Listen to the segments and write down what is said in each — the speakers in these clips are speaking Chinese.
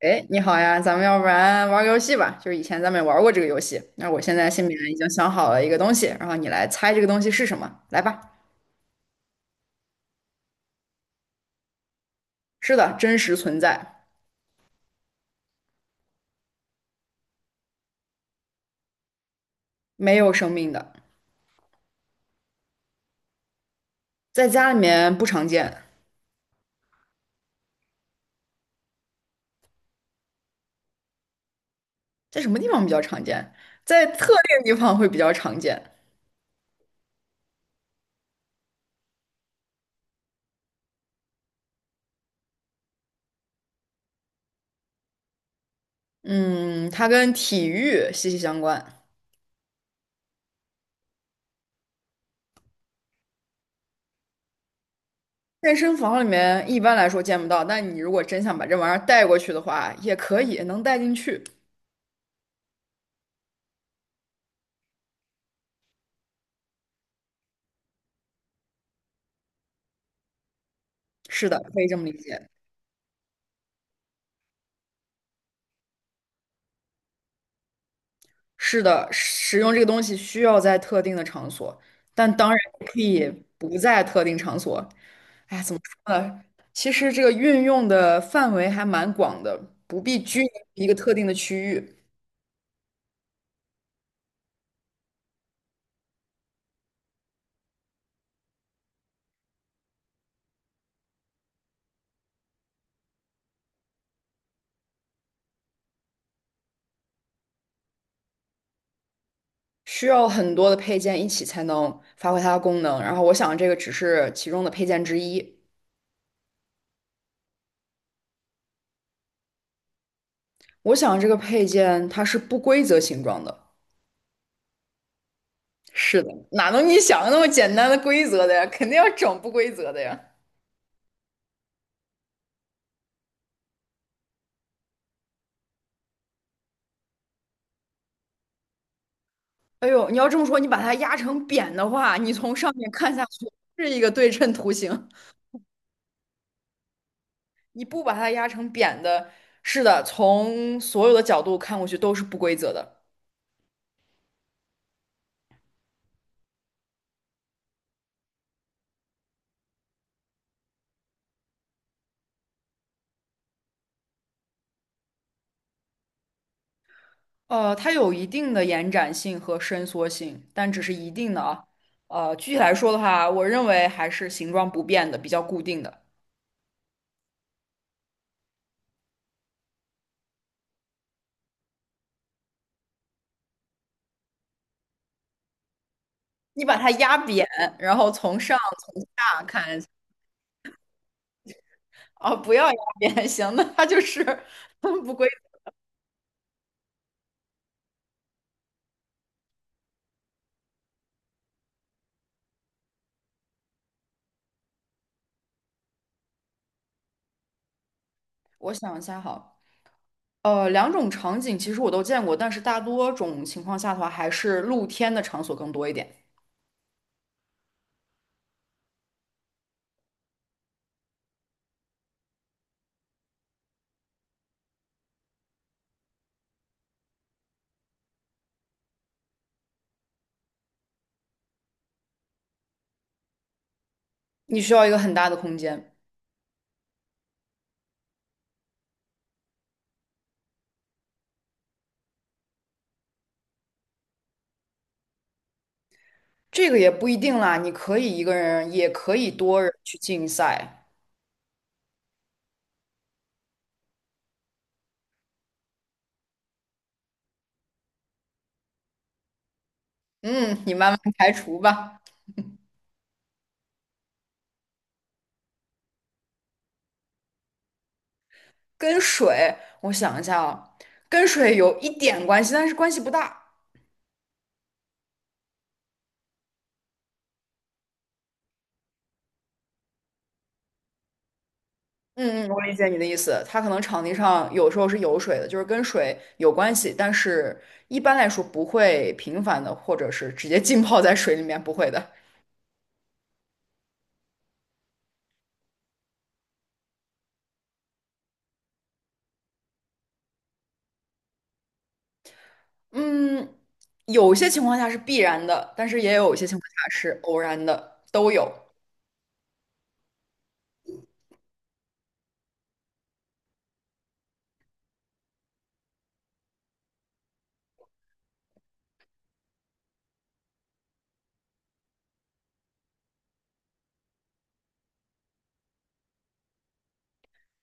哎，你好呀，咱们要不然玩个游戏吧？就是以前咱们也玩过这个游戏。那我现在心里面已经想好了一个东西，然后你来猜这个东西是什么。来吧，是的，真实存在，没有生命的，在家里面不常见，在什么地方比较常见？在特定地方会比较常见。嗯，它跟体育息息相关。健身房里面一般来说见不到，但你如果真想把这玩意儿带过去的话，也可以，能带进去。是的，可以这么理解。是的，使用这个东西需要在特定的场所，但当然也可以不在特定场所。哎，怎么说呢？其实这个运用的范围还蛮广的，不必拘泥于一个特定的区域，需要很多的配件一起才能发挥它的功能。然后我想这个只是其中的配件之一。我想这个配件它是不规则形状的。是的，哪能你想的那么简单的规则的呀？肯定要整不规则的呀。哎呦，你要这么说，你把它压成扁的话，你从上面看下去是一个对称图形。你不把它压成扁的，是的，从所有的角度看过去都是不规则的。它有一定的延展性和伸缩性，但只是一定的啊。具体来说的话，我认为还是形状不变的，比较固定的。你把它压扁，然后从上从下看，哦，不要压扁，行那它就是 不规则我想一下哈。两种场景其实我都见过，但是大多种情况下的话，还是露天的场所更多一点。你需要一个很大的空间，这个也不一定啦，你可以一个人，也可以多人去竞赛。嗯，你慢慢排除吧。跟水，我想一下啊，跟水有一点关系，但是关系不大。嗯嗯，我理解你的意思，它可能场地上有时候是有水的，就是跟水有关系，但是一般来说不会频繁的，或者是直接浸泡在水里面，不会的。嗯，有些情况下是必然的，但是也有一些情况下是偶然的，都有。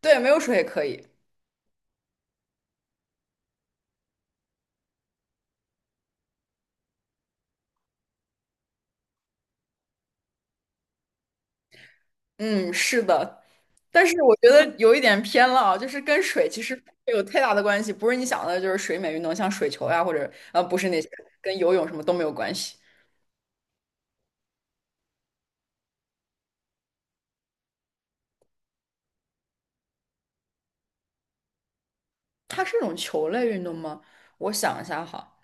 对，没有水也可以。嗯，是的，但是我觉得有一点偏了啊，就是跟水其实没有太大的关系，不是你想的，就是水美运动，像水球呀，或者不是那些，跟游泳什么都没有关系。它是一种球类运动吗？我想一下哈，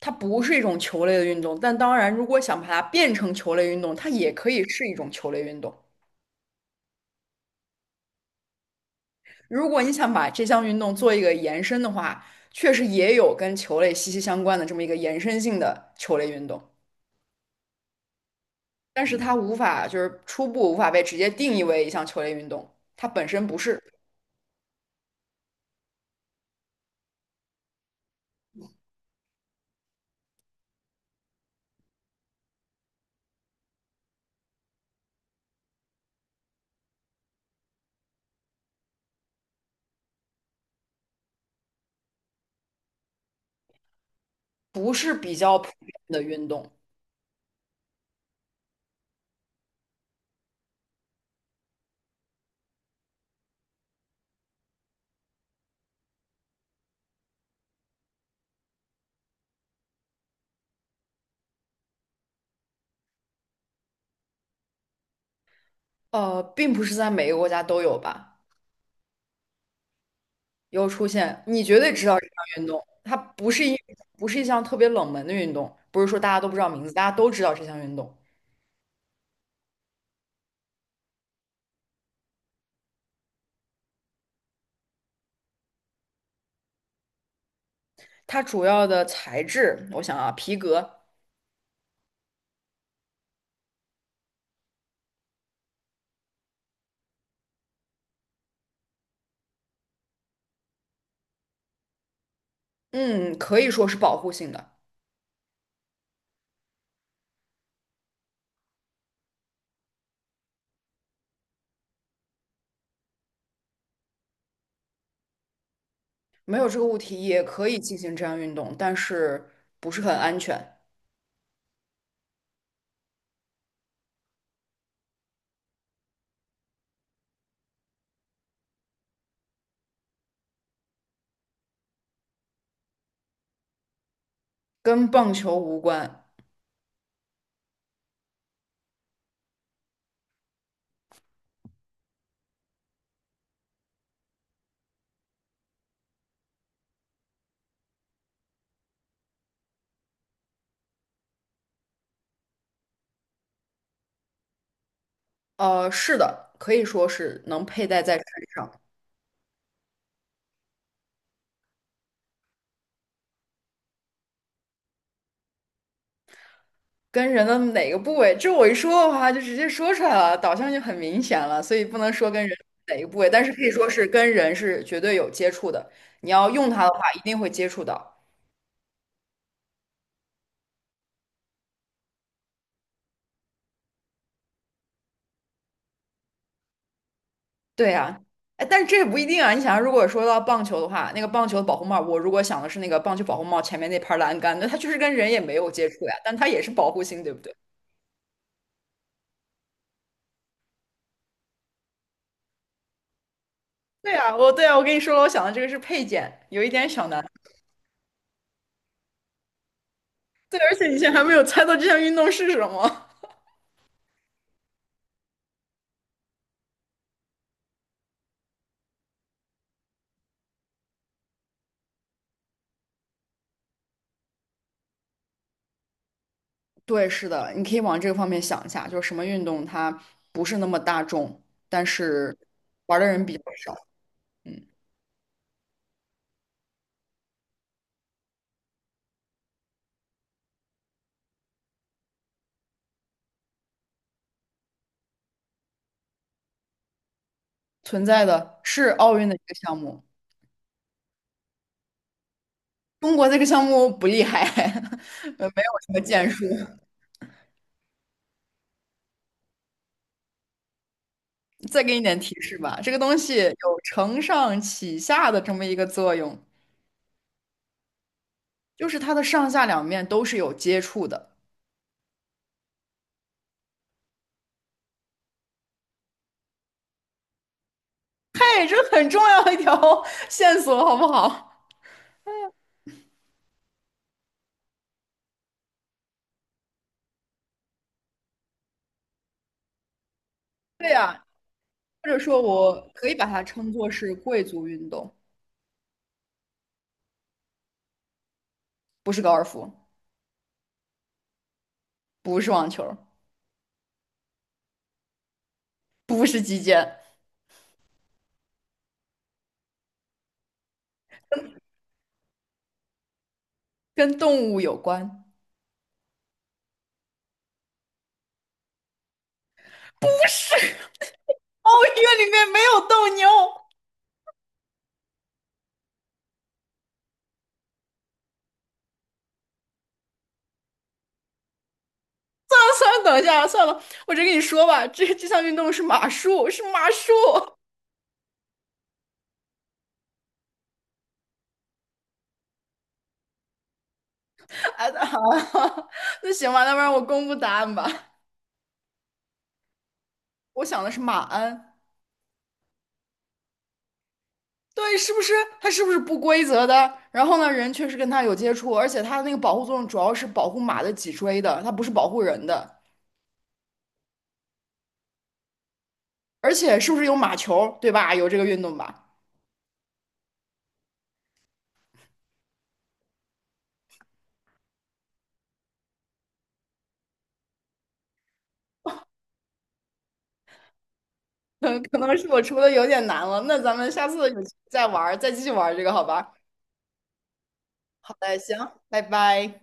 它不是一种球类的运动，但当然，如果想把它变成球类运动，它也可以是一种球类运动。如果你想把这项运动做一个延伸的话，确实也有跟球类息息相关的这么一个延伸性的球类运动，但是它无法就是初步无法被直接定义为一项球类运动，它本身不是不是比较普遍的运动，并不是在每个国家都有吧，有出现，你绝对知道这项运动，它不是一不是一项特别冷门的运动，不是说大家都不知道名字，大家都知道这项运动，它主要的材质，我想啊，皮革，嗯，可以说是保护性的。没有这个物体也可以进行这样运动，但是不是很安全，跟棒球无关。是的，可以说是能佩戴在身上，跟人的哪个部位，这我一说的话就直接说出来了，导向就很明显了，所以不能说跟人哪个部位，但是可以说是跟人是绝对有接触的。你要用它的话，一定会接触到。对呀，哎，但是这也不一定啊。你想，如果说到棒球的话，那个棒球的保护帽，我如果想的是那个棒球保护帽前面那盘栏杆，那它就实跟人也没有接触呀，但它也是保护性，对不对？对呀，我对啊，我跟你说了，我想的这个是配件，有一点小难。对，而且你现在还没有猜到这项运动是什么。对，是的，你可以往这个方面想一下，就是什么运动它不是那么大众，但是玩的人比较少，嗯，存在的是奥运的一个项目，中国这个项目不厉害，没有什么建树。再给你点提示吧，这个东西有承上启下的这么一个作用，就是它的上下两面都是有接触的。哎，这很重要一条 线索，好不好？对呀，或者说我可以把它称作是贵族运动，不是高尔夫，不是网球，不是击剑，跟动物有关。奥运里面没有斗牛。啊，算了，等一下，算了，我直接跟你说吧，这项运动是马术，是马术。哎，好 那行吧，那不然我公布答案吧。我想的是马鞍，对，是不是？它是不是不规则的？然后呢，人确实跟它有接触，而且它的那个保护作用主要是保护马的脊椎的，它不是保护人的。而且是不是有马球，对吧？有这个运动吧？可能是我出的有点难了，那咱们下次有机会再玩儿再继续玩儿这个，好吧？好的，行，拜拜。